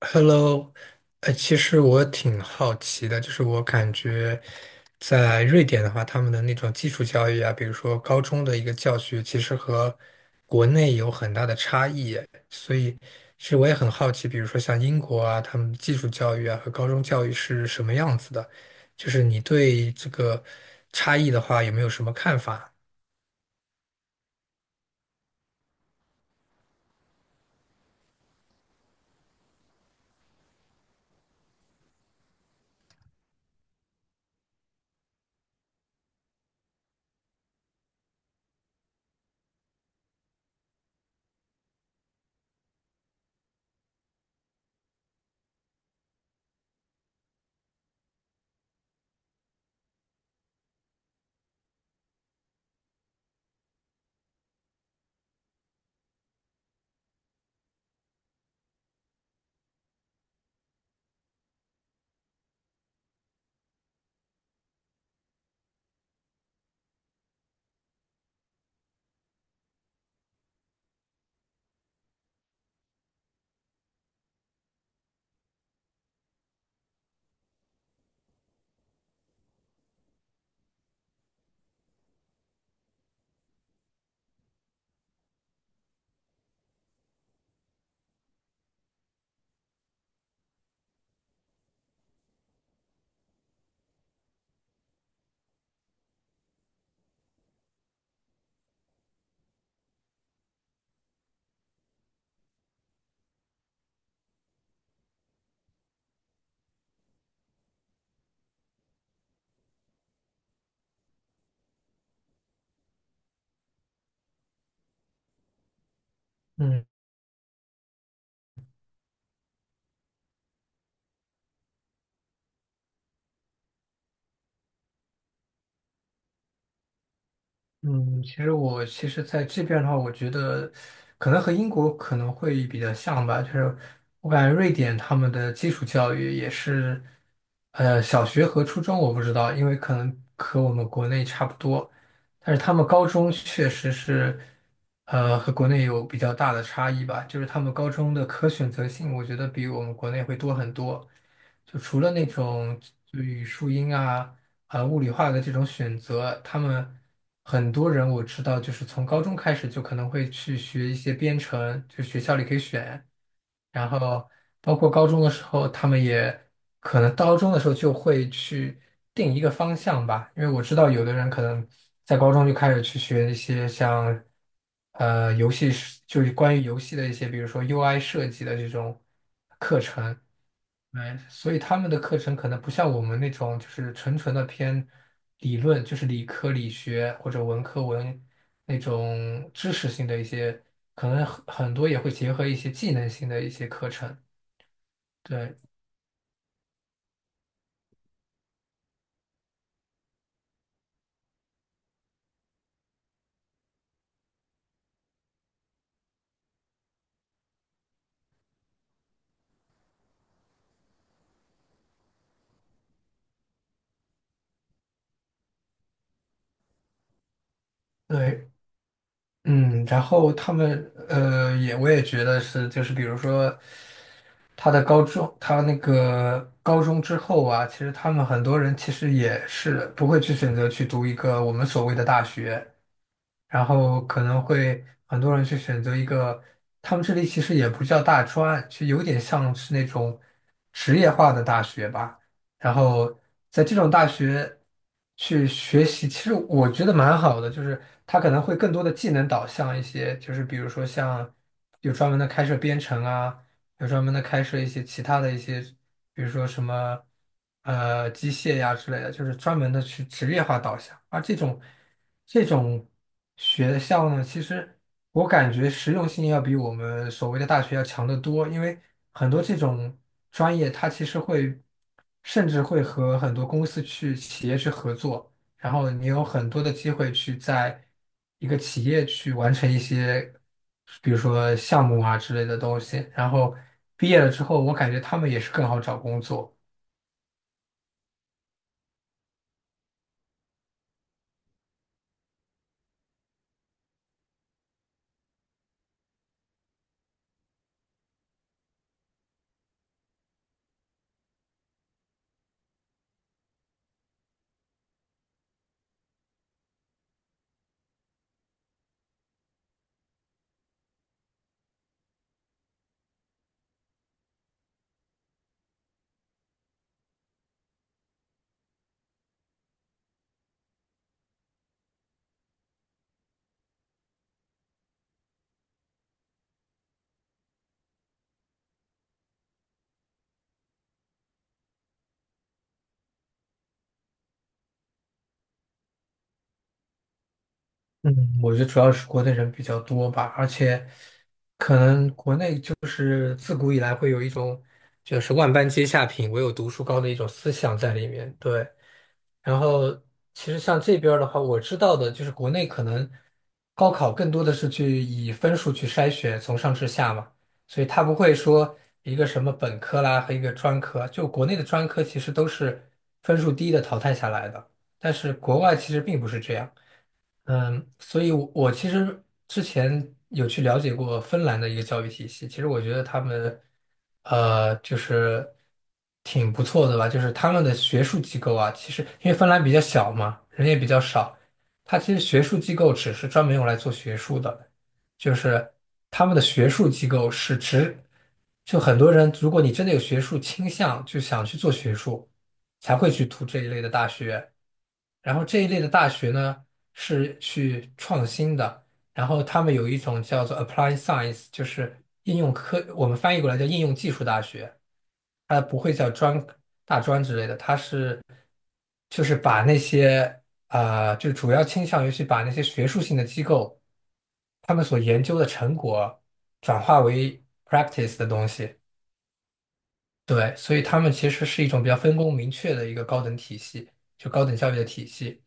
Hello，其实我挺好奇的，就是我感觉在瑞典的话，他们的那种基础教育啊，比如说高中的一个教学，其实和国内有很大的差异耶，所以其实我也很好奇，比如说像英国啊，他们的基础教育啊和高中教育是什么样子的，就是你对这个差异的话，有没有什么看法？嗯。嗯，其实我在这边的话，我觉得可能和英国可能会比较像吧，就是我感觉瑞典他们的基础教育也是，小学和初中我不知道，因为可能和我们国内差不多，但是他们高中确实是，和国内有比较大的差异吧，就是他们高中的可选择性，我觉得比我们国内会多很多，就除了那种就语数英啊。物理化的这种选择，他们很多人我知道，就是从高中开始就可能会去学一些编程，就学校里可以选，然后包括高中的时候，他们也可能高中的时候就会去定一个方向吧，因为我知道有的人可能在高中就开始去学一些像呃游戏是就是关于游戏的一些，比如说 UI 设计的这种课程。哎，所以他们的课程可能不像我们那种，就是纯纯的偏理论，就是理科理学或者文科文那种知识性的一些，可能很多也会结合一些技能性的一些课程。对对，嗯，然后他们也觉得是，就是比如说他的高中，他那个高中之后啊，其实他们很多人其实也是不会去选择去读一个我们所谓的大学。然后可能会很多人去选择一个，他们这里其实也不叫大专，就有点像是那种职业化的大学吧。然后在这种大学去学习，其实我觉得蛮好的，就是它可能会更多的技能导向一些，就是比如说像有专门的开设编程啊，有专门的开设一些其他的一些。比如说什么机械呀之类的，就是专门的去职业化导向。而这种学校呢，其实我感觉实用性要比我们所谓的大学要强得多，因为很多这种专业它其实会甚至会和很多公司去企业去合作。然后你有很多的机会去在一个企业去完成一些，比如说项目啊之类的东西。然后毕业了之后，我感觉他们也是更好找工作。嗯，我觉得主要是国内人比较多吧，而且都是自古以来会有一种就是万般皆下品，唯有读书高的一种思想在里面。对。然后其实像这边儿的话，我知道的就是国内可能高考更多的是去以分数去筛选，从上至下嘛，所以他不会说一个什么本科啦和一个专科，就国内的专科其实都是分数低的淘汰下来的，但是国外其实并不是这样。嗯，所以我其实之前有去了解过芬兰的一个教育体系，其实我觉得他们，就是挺不错的吧。就是他们的学术机构啊，其实因为芬兰比较小嘛，人也比较少，它其实学术机构只是专门用来做学术的，就是他们的学术机构是指，就很多人，如果你真的有学术倾向，就想去做学术，才会去读这一类的大学。然后这一类的大学呢是去创新的，然后他们有一种叫做 Applied Science，就是应用科，我们翻译过来叫应用技术大学，它不会叫专大专之类的，它是就是把那些就主要倾向于去把那些学术性的机构他们所研究的成果转化为 practice 的东西，对，所以他们其实是一种比较分工明确的一个高等体系，就高等教育的体系。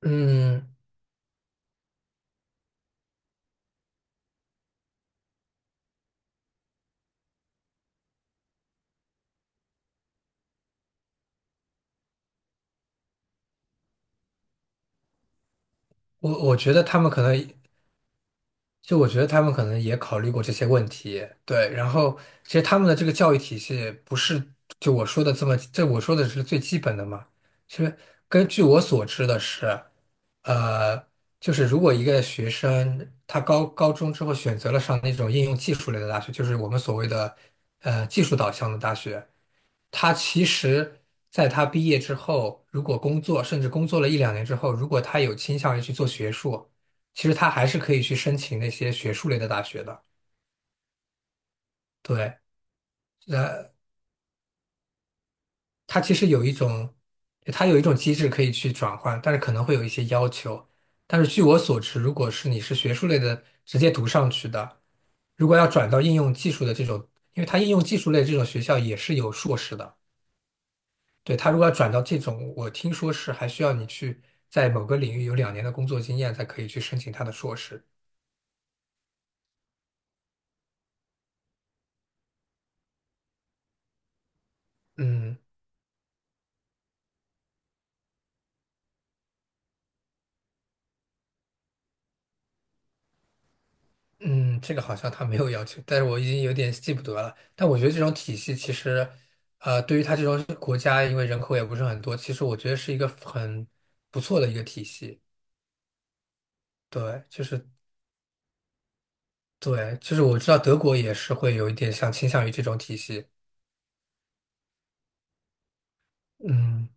嗯，我觉得他们可能，就我觉得他们可能也考虑过这些问题，对。然后，其实他们的这个教育体系不是就我说的这么，这我说的是最基本的嘛。其实根据我所知的是，呃，就是如果一个学生他高中之后选择了上那种应用技术类的大学，就是我们所谓的技术导向的大学，他其实在他毕业之后，如果工作，甚至工作了一两年之后，如果他有倾向于去做学术。其实他还是可以去申请那些学术类的大学的。对，他其实有一种，他有一种机制可以去转换，但是可能会有一些要求。但是据我所知，如果是你是学术类的直接读上去的，如果要转到应用技术的这种，因为它应用技术类这种学校也是有硕士的。对，他如果要转到这种，我听说是还需要你去在某个领域有两年的工作经验才可以去申请他的硕士。嗯。嗯，这个好像他没有要求，但是我已经有点记不得了。但我觉得这种体系其实，对于他这种国家，因为人口也不是很多，其实我觉得是一个很不错的一个体系。对，就是对，就是我知道德国也是会有一点像倾向于这种体系。嗯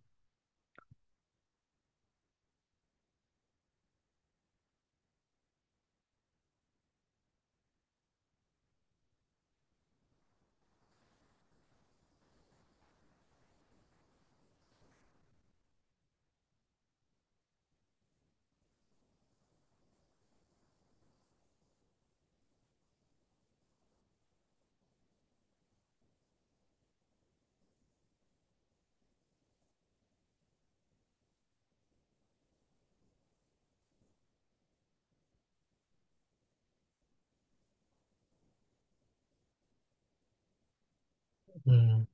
嗯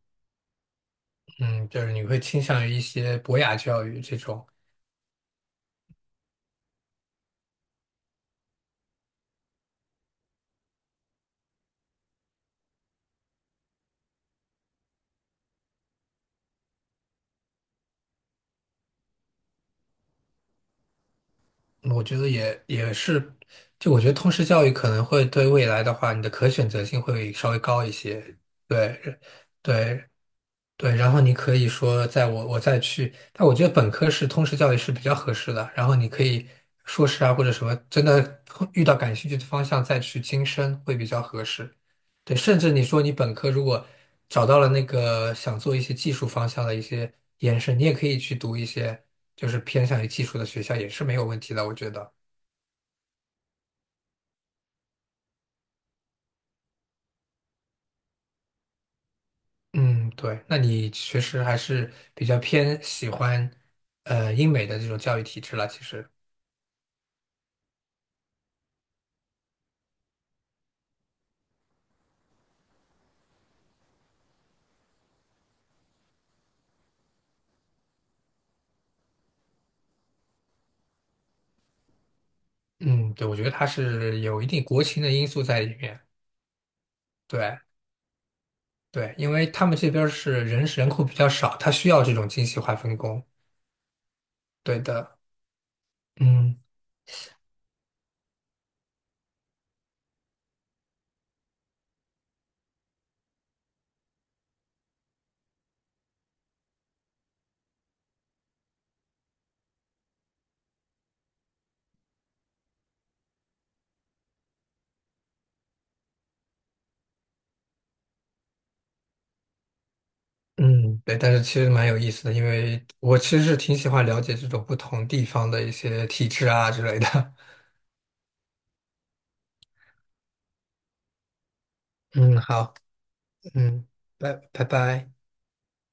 嗯，就是你会倾向于一些博雅教育这种，嗯，我觉得也也是，就我觉得通识教育可能会对未来的话，你的可选择性会稍微高一些。对。对，对，然后你可以说，在我我再去，但我觉得本科是通识教育是比较合适的。然后你可以硕士啊或者什么，真的遇到感兴趣的方向再去精深会比较合适。对，甚至你说你本科如果找到了那个想做一些技术方向的一些延伸，你也可以去读一些就是偏向于技术的学校也是没有问题的，我觉得。嗯，对，那你确实还是比较偏喜欢英美的这种教育体制了，其实。嗯，对，我觉得它是有一定国情的因素在里面。对对，因为他们这边儿是人口比较少，它需要这种精细化分工。对的，嗯嗯，对，但是其实蛮有意思的，因为我其实是挺喜欢了解这种不同地方的一些体制啊之类的。嗯，好，嗯，拜拜。